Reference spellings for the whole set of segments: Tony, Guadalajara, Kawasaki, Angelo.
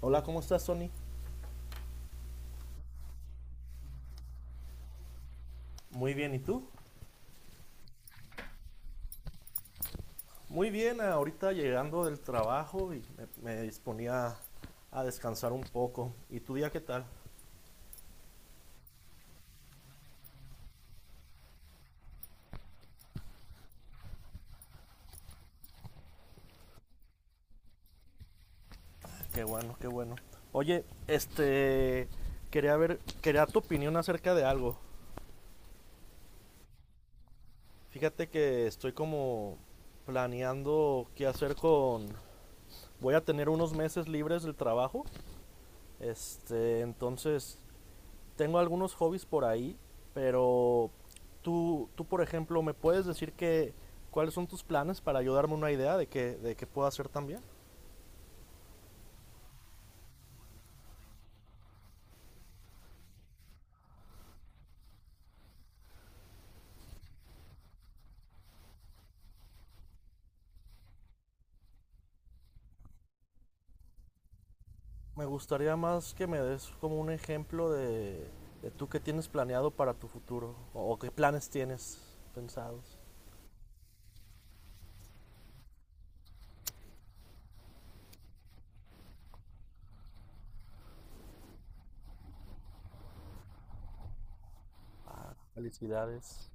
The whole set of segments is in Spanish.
Hola, ¿cómo estás, Tony? Muy bien, ¿y tú? Muy bien, ahorita llegando del trabajo y me disponía a descansar un poco. ¿Y tu día qué tal? Qué bueno, qué bueno. Oye, quería ver, quería tu opinión acerca de algo. Fíjate que estoy como planeando qué hacer con... Voy a tener unos meses libres del trabajo. Entonces tengo algunos hobbies por ahí, pero tú por ejemplo, ¿me puedes cuáles son tus planes para ayudarme una idea de qué puedo hacer también? Me gustaría más que me des como un ejemplo de tú qué tienes planeado para tu futuro o qué planes tienes pensados. Felicidades,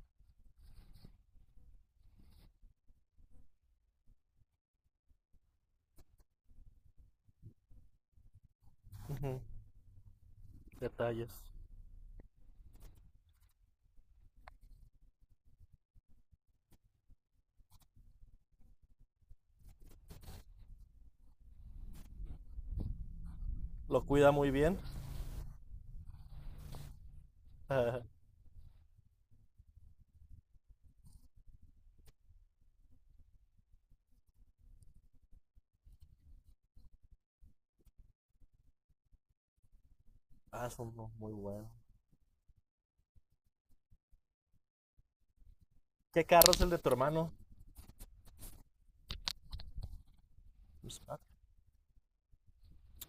detalles. Lo cuida muy bien. Ah, muy buenos. ¿Qué carro es el de tu hermano? Spark.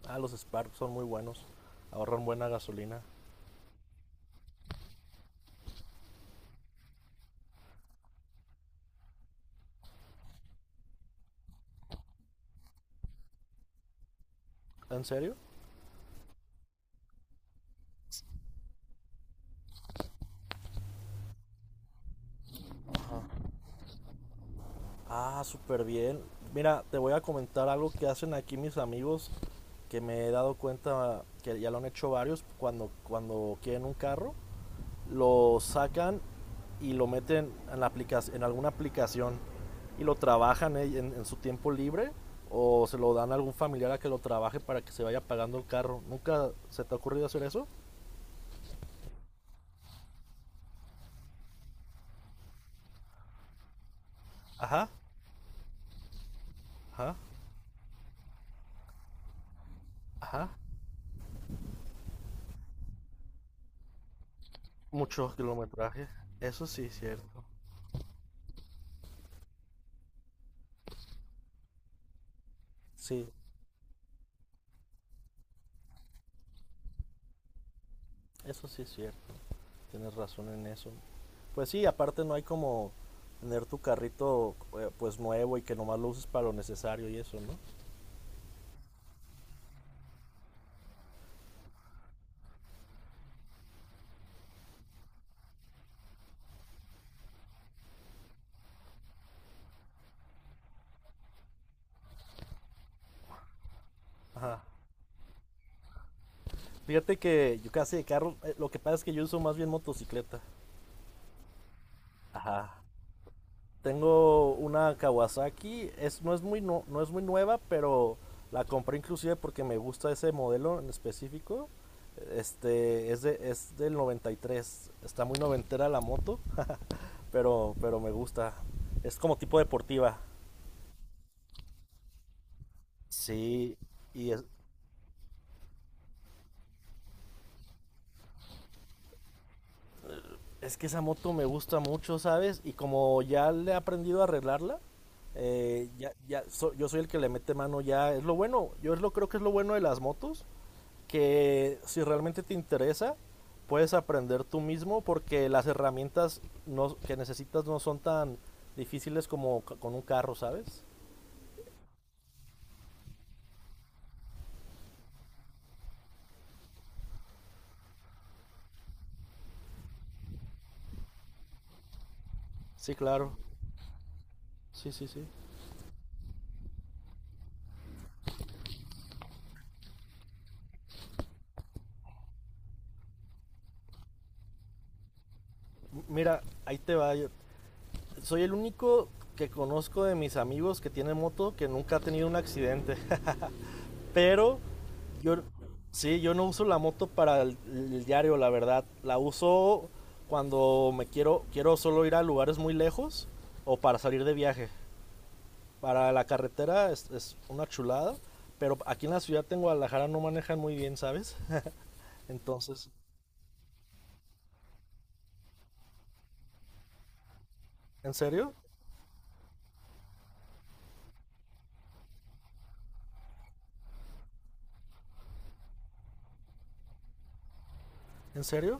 Ah, los Spark son muy buenos. Ahorran buena gasolina. ¿En serio? Ah, súper bien. Mira, te voy a comentar algo que hacen aquí mis amigos, que me he dado cuenta que ya lo han hecho varios, cuando quieren un carro, lo sacan y lo meten en alguna aplicación y lo trabajan en su tiempo libre o se lo dan a algún familiar a que lo trabaje para que se vaya pagando el carro. ¿Nunca se te ha ocurrido hacer eso? Ajá, ajá, ajá. Mucho kilometraje. Eso sí es cierto. Sí, eso sí es cierto. Tienes razón en eso. Pues sí, aparte no hay como tener tu carrito pues nuevo y que nomás lo uses para lo necesario y eso, ¿no? Ajá. Fíjate que yo casi de carro, lo que pasa es que yo uso más bien motocicleta. Ajá. Tengo una Kawasaki, es muy no, no es muy nueva, pero la compré inclusive porque me gusta ese modelo en específico. Es del 93. Está muy noventera la moto, pero me gusta. Es como tipo deportiva. Sí, y es, es que esa moto me gusta mucho, ¿sabes? Y como ya le he aprendido a arreglarla, yo soy el que le mete mano ya. Es lo bueno, yo es lo creo que es lo bueno de las motos, que si realmente te interesa, puedes aprender tú mismo porque las herramientas no, que necesitas no son tan difíciles con un carro, ¿sabes? Sí, claro. Sí, sí, sí. Mira, ahí te va. Soy el único que conozco de mis amigos que tiene moto que nunca ha tenido un accidente. Pero yo, sí, yo no uso la moto para el diario, la verdad. La uso quiero solo ir a lugares muy lejos o para salir de viaje. Para la carretera es una chulada, pero aquí en la ciudad de Guadalajara no manejan muy bien, ¿sabes? Entonces, ¿en serio? ¿En serio?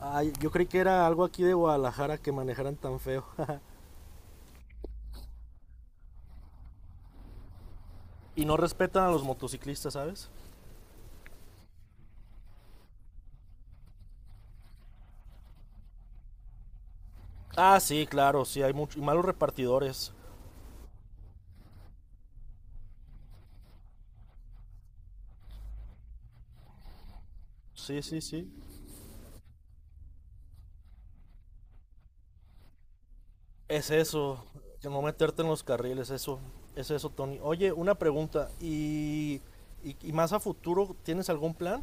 Ay, yo creí que era algo aquí de Guadalajara que manejaran tan feo. Y no respetan a los motociclistas, ¿sabes? Ah, sí, claro, sí, hay muchos malos repartidores. Sí, sí, sí. Es eso, que no meterte en los carriles, eso, es eso, Tony. Oye, una pregunta, ¿ y más a futuro tienes algún plan?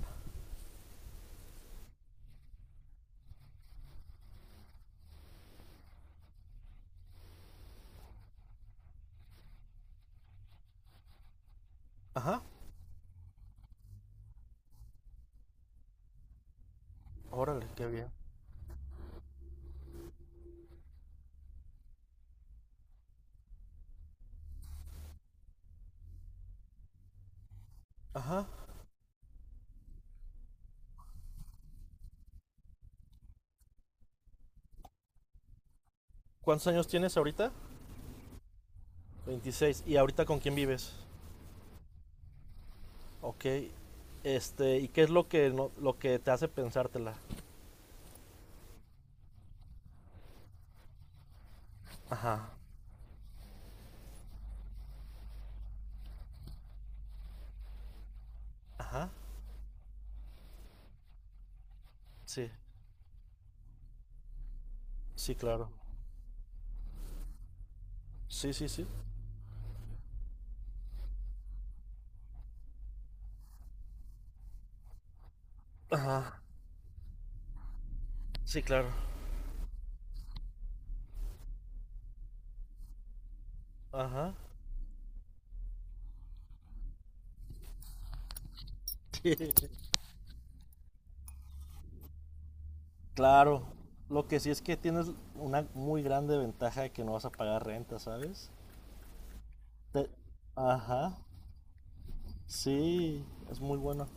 Ajá, órale, qué bien. Ajá. ¿Cuántos años tienes ahorita? 26. ¿Y ahorita con quién vives? Ok. ¿Y qué es lo que, no- lo que te hace pensártela? Ajá. Ajá. Sí. Sí, claro. Sí, sí, sí. Ajá. Sí, claro. Ajá. Claro. Lo que sí es que tienes una muy grande ventaja de que no vas a pagar renta, ¿sabes? Te- Ajá. Sí, es muy bueno.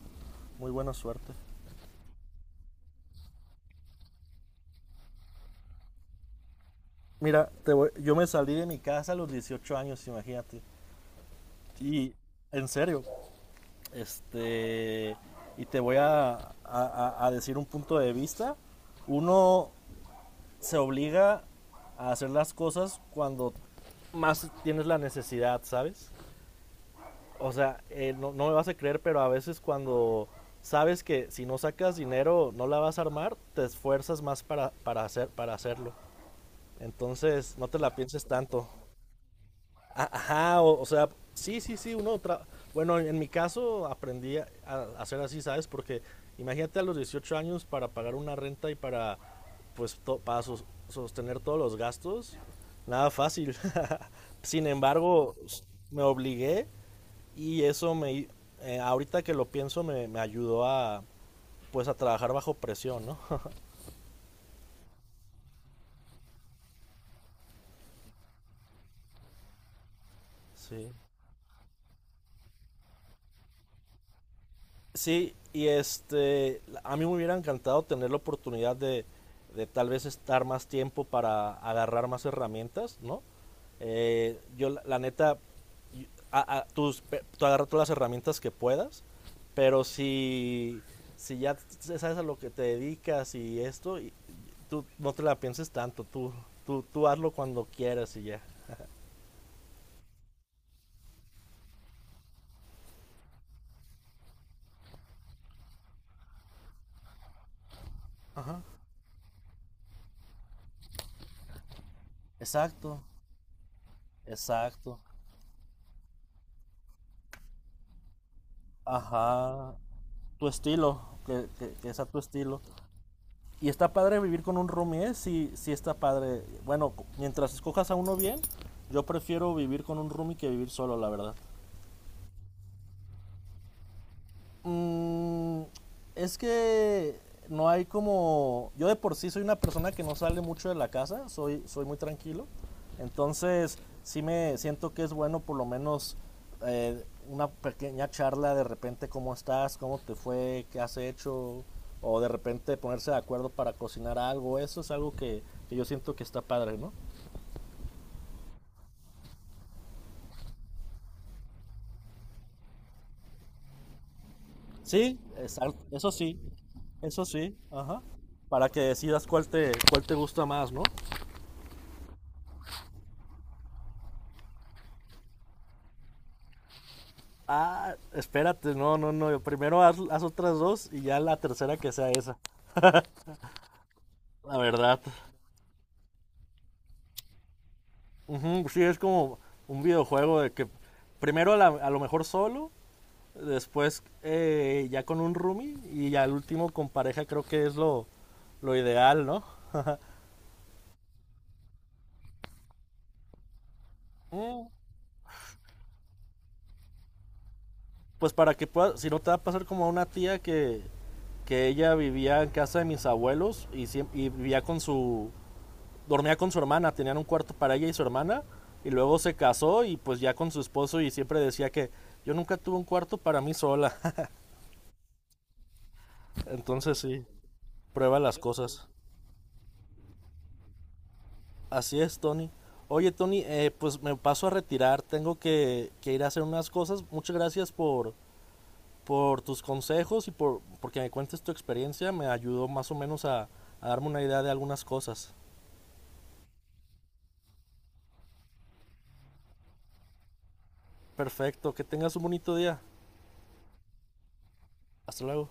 Muy buena suerte. Mira, yo me salí de mi casa a los 18 años, imagínate. Y en serio, este, y te voy a decir un punto de vista. Uno se obliga a hacer las cosas cuando más tienes la necesidad, ¿sabes? O sea, no me vas a creer, pero a veces cuando sabes que si no sacas dinero no la vas a armar, te esfuerzas más para hacerlo. Entonces, no te la pienses tanto. Ajá, o sea, sí, sí, sí, en mi caso aprendí a hacer así, ¿sabes? Porque imagínate a los 18 años para pagar una renta y para, pues, sostener todos los gastos. Nada fácil. Sin embargo, me obligué y eso me, ahorita que lo pienso, me ayudó a, pues, a trabajar bajo presión, ¿no? Sí. Sí, a mí me hubiera encantado tener la oportunidad de tal vez estar más tiempo para agarrar más herramientas, ¿no? La neta, tú agarra todas las herramientas que puedas, pero si ya sabes a lo que te dedicas y esto, tú no te la pienses tanto, tú hazlo cuando quieras y ya. Ajá. Exacto, exacto. Ajá, tu estilo, que sea tu estilo. Y está padre vivir con un roomie, ¿eh? Sí, sí está padre. Bueno, mientras escojas a uno bien, yo prefiero vivir con un roomie que vivir solo, la verdad. Mm, es que no hay como... Yo de por sí soy una persona que no sale mucho de la casa, soy muy tranquilo. Entonces, sí me siento que es bueno por lo menos eh, una pequeña charla de repente, cómo estás, cómo te fue, qué has hecho, o de repente ponerse de acuerdo para cocinar algo. Eso es algo que yo siento que está padre, ¿no? Sí, exacto, eso sí, ajá. Para que decidas cuál te gusta más, ¿no? Ah, espérate, no, no, no. Primero haz, haz otras dos y ya la tercera que sea esa. La verdad. Ujú, sí, es como un videojuego de que primero a lo mejor solo, después ya con un roomie y ya al último con pareja creo que lo ideal, ¿no? Mm, pues para que puedas, si no te va a pasar como a una tía que ella vivía en casa de mis abuelos y y vivía dormía con su hermana, tenían un cuarto para ella y su hermana, y luego se casó y pues ya con su esposo y siempre decía que yo nunca tuve un cuarto para mí sola. Entonces sí, prueba las cosas. Así es, Tony. Oye, Tony, pues me paso a retirar, tengo que ir a hacer unas cosas. Muchas gracias por tus consejos y por porque me cuentes tu experiencia, me ayudó más o menos a darme una idea de algunas cosas. Perfecto, que tengas un bonito día. Hasta luego.